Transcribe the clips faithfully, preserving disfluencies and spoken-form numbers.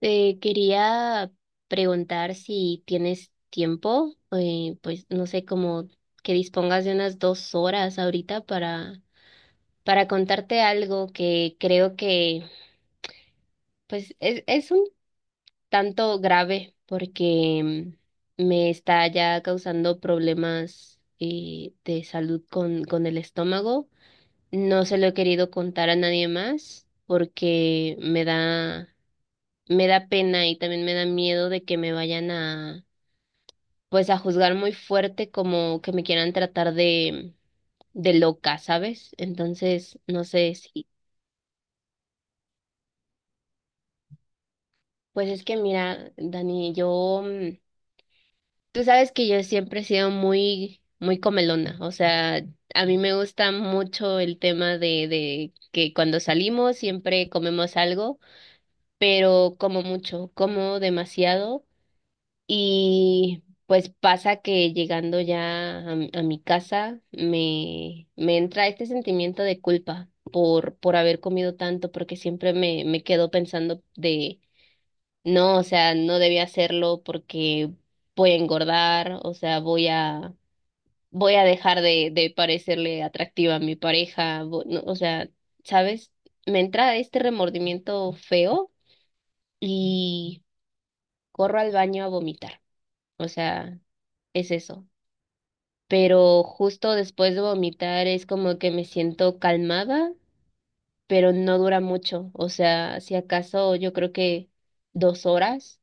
Te quería preguntar si tienes tiempo, eh, pues no sé, como que dispongas de unas dos horas ahorita para, para contarte algo que creo que pues es, es un tanto grave porque mm, me está ya causando problemas, eh, de salud con, con el estómago. No se lo he querido contar a nadie más porque me da, me da pena y también me da miedo de que me vayan a pues a juzgar muy fuerte como que me quieran tratar de, de loca, ¿sabes? Entonces, no sé si, pues es que mira, Dani, yo, mm, tú sabes que yo siempre he sido muy, muy comelona, o sea, a mí me gusta mucho el tema de, de que cuando salimos siempre comemos algo, pero como mucho, como demasiado. Y pues pasa que llegando ya a, mi a mi casa me, me entra este sentimiento de culpa por, por haber comido tanto, porque siempre me, me quedo pensando de, no, o sea, no debía hacerlo porque voy a engordar, o sea, voy a, voy a dejar de, de parecerle atractiva a mi pareja, vo- no, o sea, ¿sabes? Me entra este remordimiento feo y corro al baño a vomitar, o sea, es eso. Pero justo después de vomitar es como que me siento calmada, pero no dura mucho, o sea, si acaso yo creo que dos horas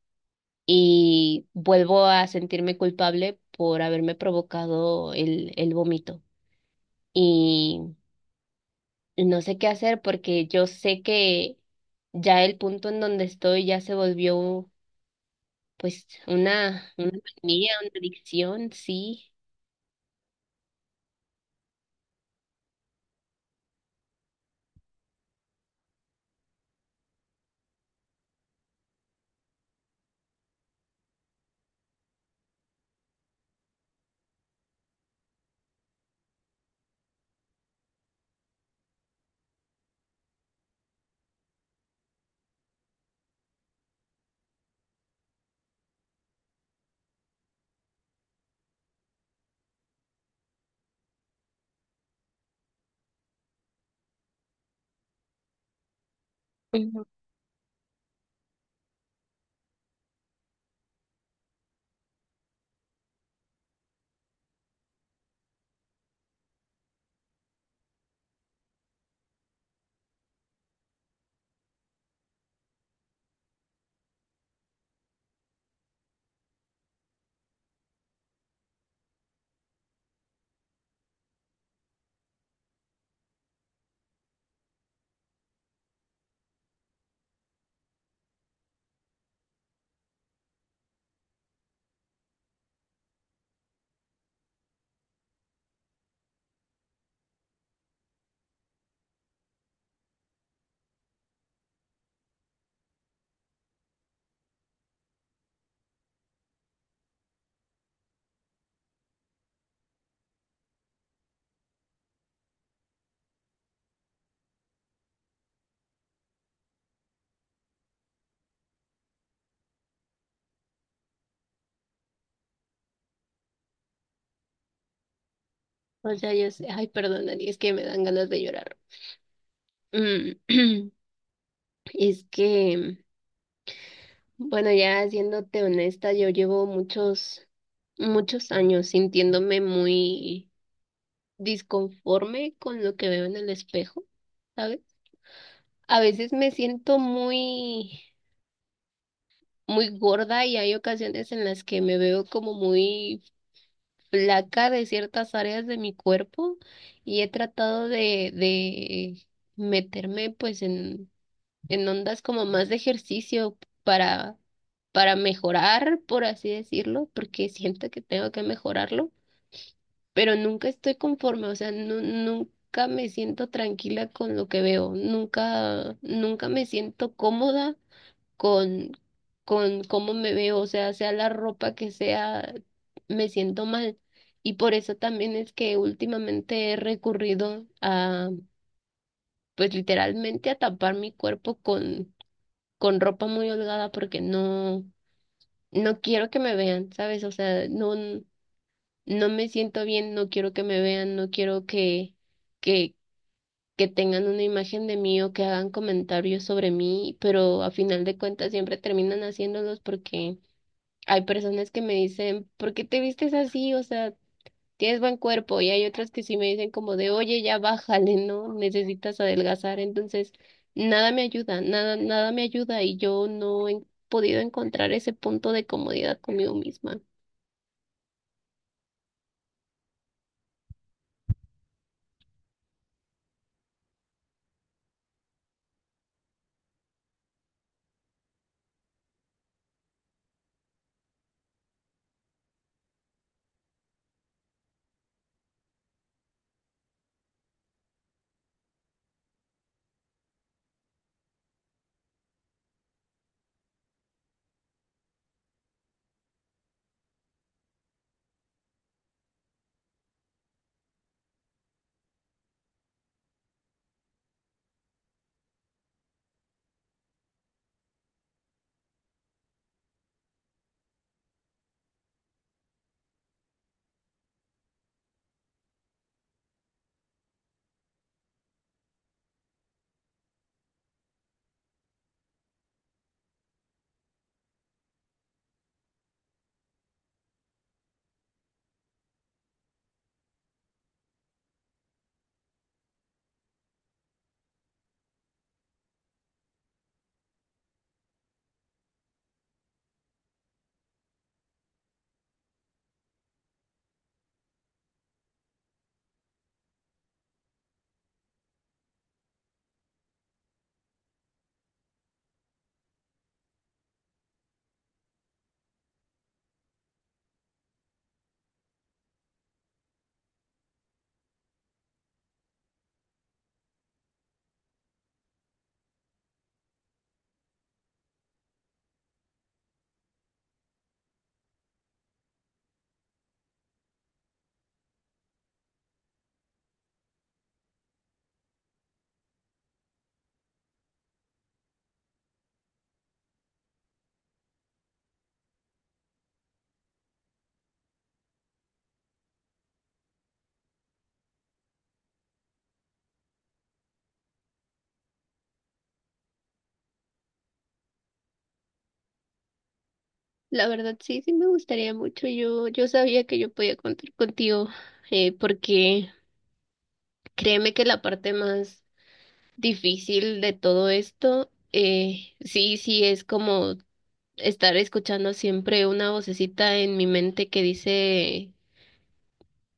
y vuelvo a sentirme culpable por haberme provocado el, el vómito. Y no sé qué hacer porque yo sé que ya el punto en donde estoy ya se volvió pues una, una manía, una adicción, sí. Ujú. O sea, yo sé, ay, perdón, Dani, es que me dan ganas de llorar. Mm. Es que, bueno, ya siéndote honesta, yo llevo muchos, muchos años sintiéndome muy disconforme con lo que veo en el espejo, ¿sabes? A veces me siento muy, muy gorda y hay ocasiones en las que me veo como muy flaca de ciertas áreas de mi cuerpo y he tratado de, de meterme pues en en ondas como más de ejercicio para, para mejorar, por así decirlo, porque siento que tengo que mejorarlo, pero nunca estoy conforme, o sea, nu- nunca me siento tranquila con lo que veo, nunca, nunca me siento cómoda con, con cómo me veo, o sea, sea la ropa que sea, me siento mal. Y por eso también es que últimamente he recurrido a, pues literalmente a tapar mi cuerpo con ropa muy holgada porque no, no quiero que me vean, ¿sabes? O sea, no, no me siento bien, no quiero que me vean, no quiero que, que, que tengan una imagen de mí o que hagan comentarios sobre mí, pero a final de cuentas siempre terminan haciéndolos porque hay personas que me dicen, ¿por qué te vistes así? O sea, tienes buen cuerpo y hay otras que sí me dicen como de, oye, ya bájale, ¿no? Necesitas adelgazar. Entonces, nada me ayuda, nada, nada me ayuda y yo no he podido encontrar ese punto de comodidad conmigo misma. La verdad, sí, sí me gustaría mucho. Yo, yo sabía que yo podía contar contigo, eh, porque créeme que la parte más difícil de todo esto, eh, sí, sí, es como estar escuchando siempre una vocecita en mi mente que dice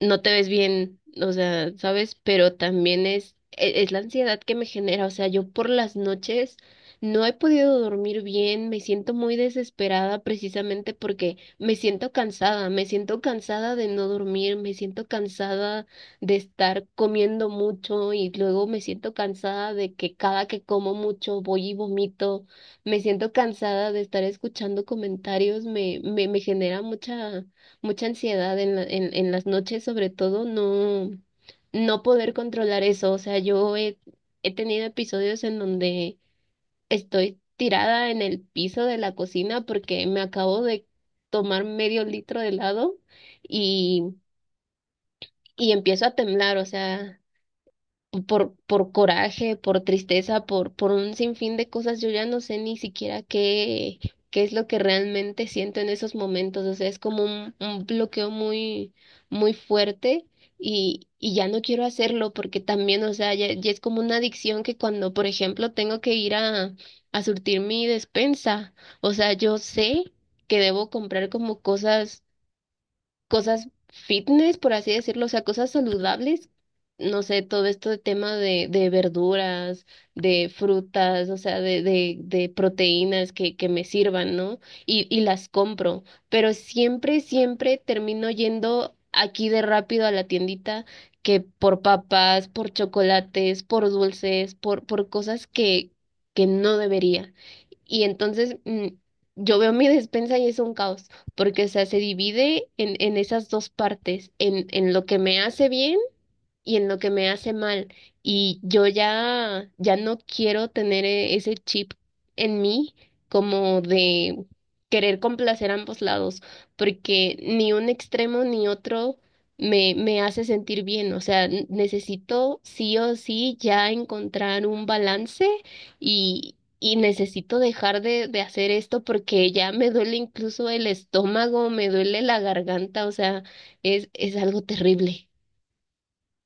no te ves bien, o sea, ¿sabes? Pero también es, e- es la ansiedad que me genera, o sea, yo por las noches no he podido dormir bien, me siento muy desesperada precisamente porque me siento cansada, me siento cansada de no dormir, me siento cansada de estar comiendo mucho y luego me siento cansada de que cada que como mucho voy y vomito, me siento cansada de estar escuchando comentarios, me, me, me genera mucha mucha ansiedad en la- en, en las noches, sobre todo, no, no poder controlar eso. O sea, yo he, he tenido episodios en donde estoy tirada en el piso de la cocina porque me acabo de tomar medio litro de helado y, y empiezo a temblar. O sea, por, por coraje, por tristeza, por, por un sinfín de cosas, yo ya no sé ni siquiera qué, qué es lo que realmente siento en esos momentos. O sea, es como un, un bloqueo muy, muy fuerte y, y ya no quiero hacerlo porque también, o sea, ya, ya es como una adicción que cuando, por ejemplo, tengo que ir a, a surtir mi despensa, o sea, yo sé que debo comprar como cosas cosas fitness, por así decirlo, o sea, cosas saludables. No sé, todo esto de tema de, de verduras, de frutas, o sea, de, de, de proteínas que, que me sirvan, ¿no? Y, y las compro, pero siempre, siempre termino yendo aquí de rápido a la tiendita que por papas, por chocolates, por dulces, por, por cosas que, que no debería. Y entonces mm, yo veo mi despensa y es un caos porque, o sea, se divide en, en esas dos partes, en, en lo que me hace bien y en lo que me hace mal. Y yo ya, ya no quiero tener e- ese chip en mí como de querer complacer ambos lados, porque ni un extremo ni otro me, me hace sentir bien. O sea, n- necesito sí o sí ya encontrar un balance y... Y necesito dejar de, de hacer esto porque ya me duele incluso el estómago, me duele la garganta, o sea, es, es algo terrible.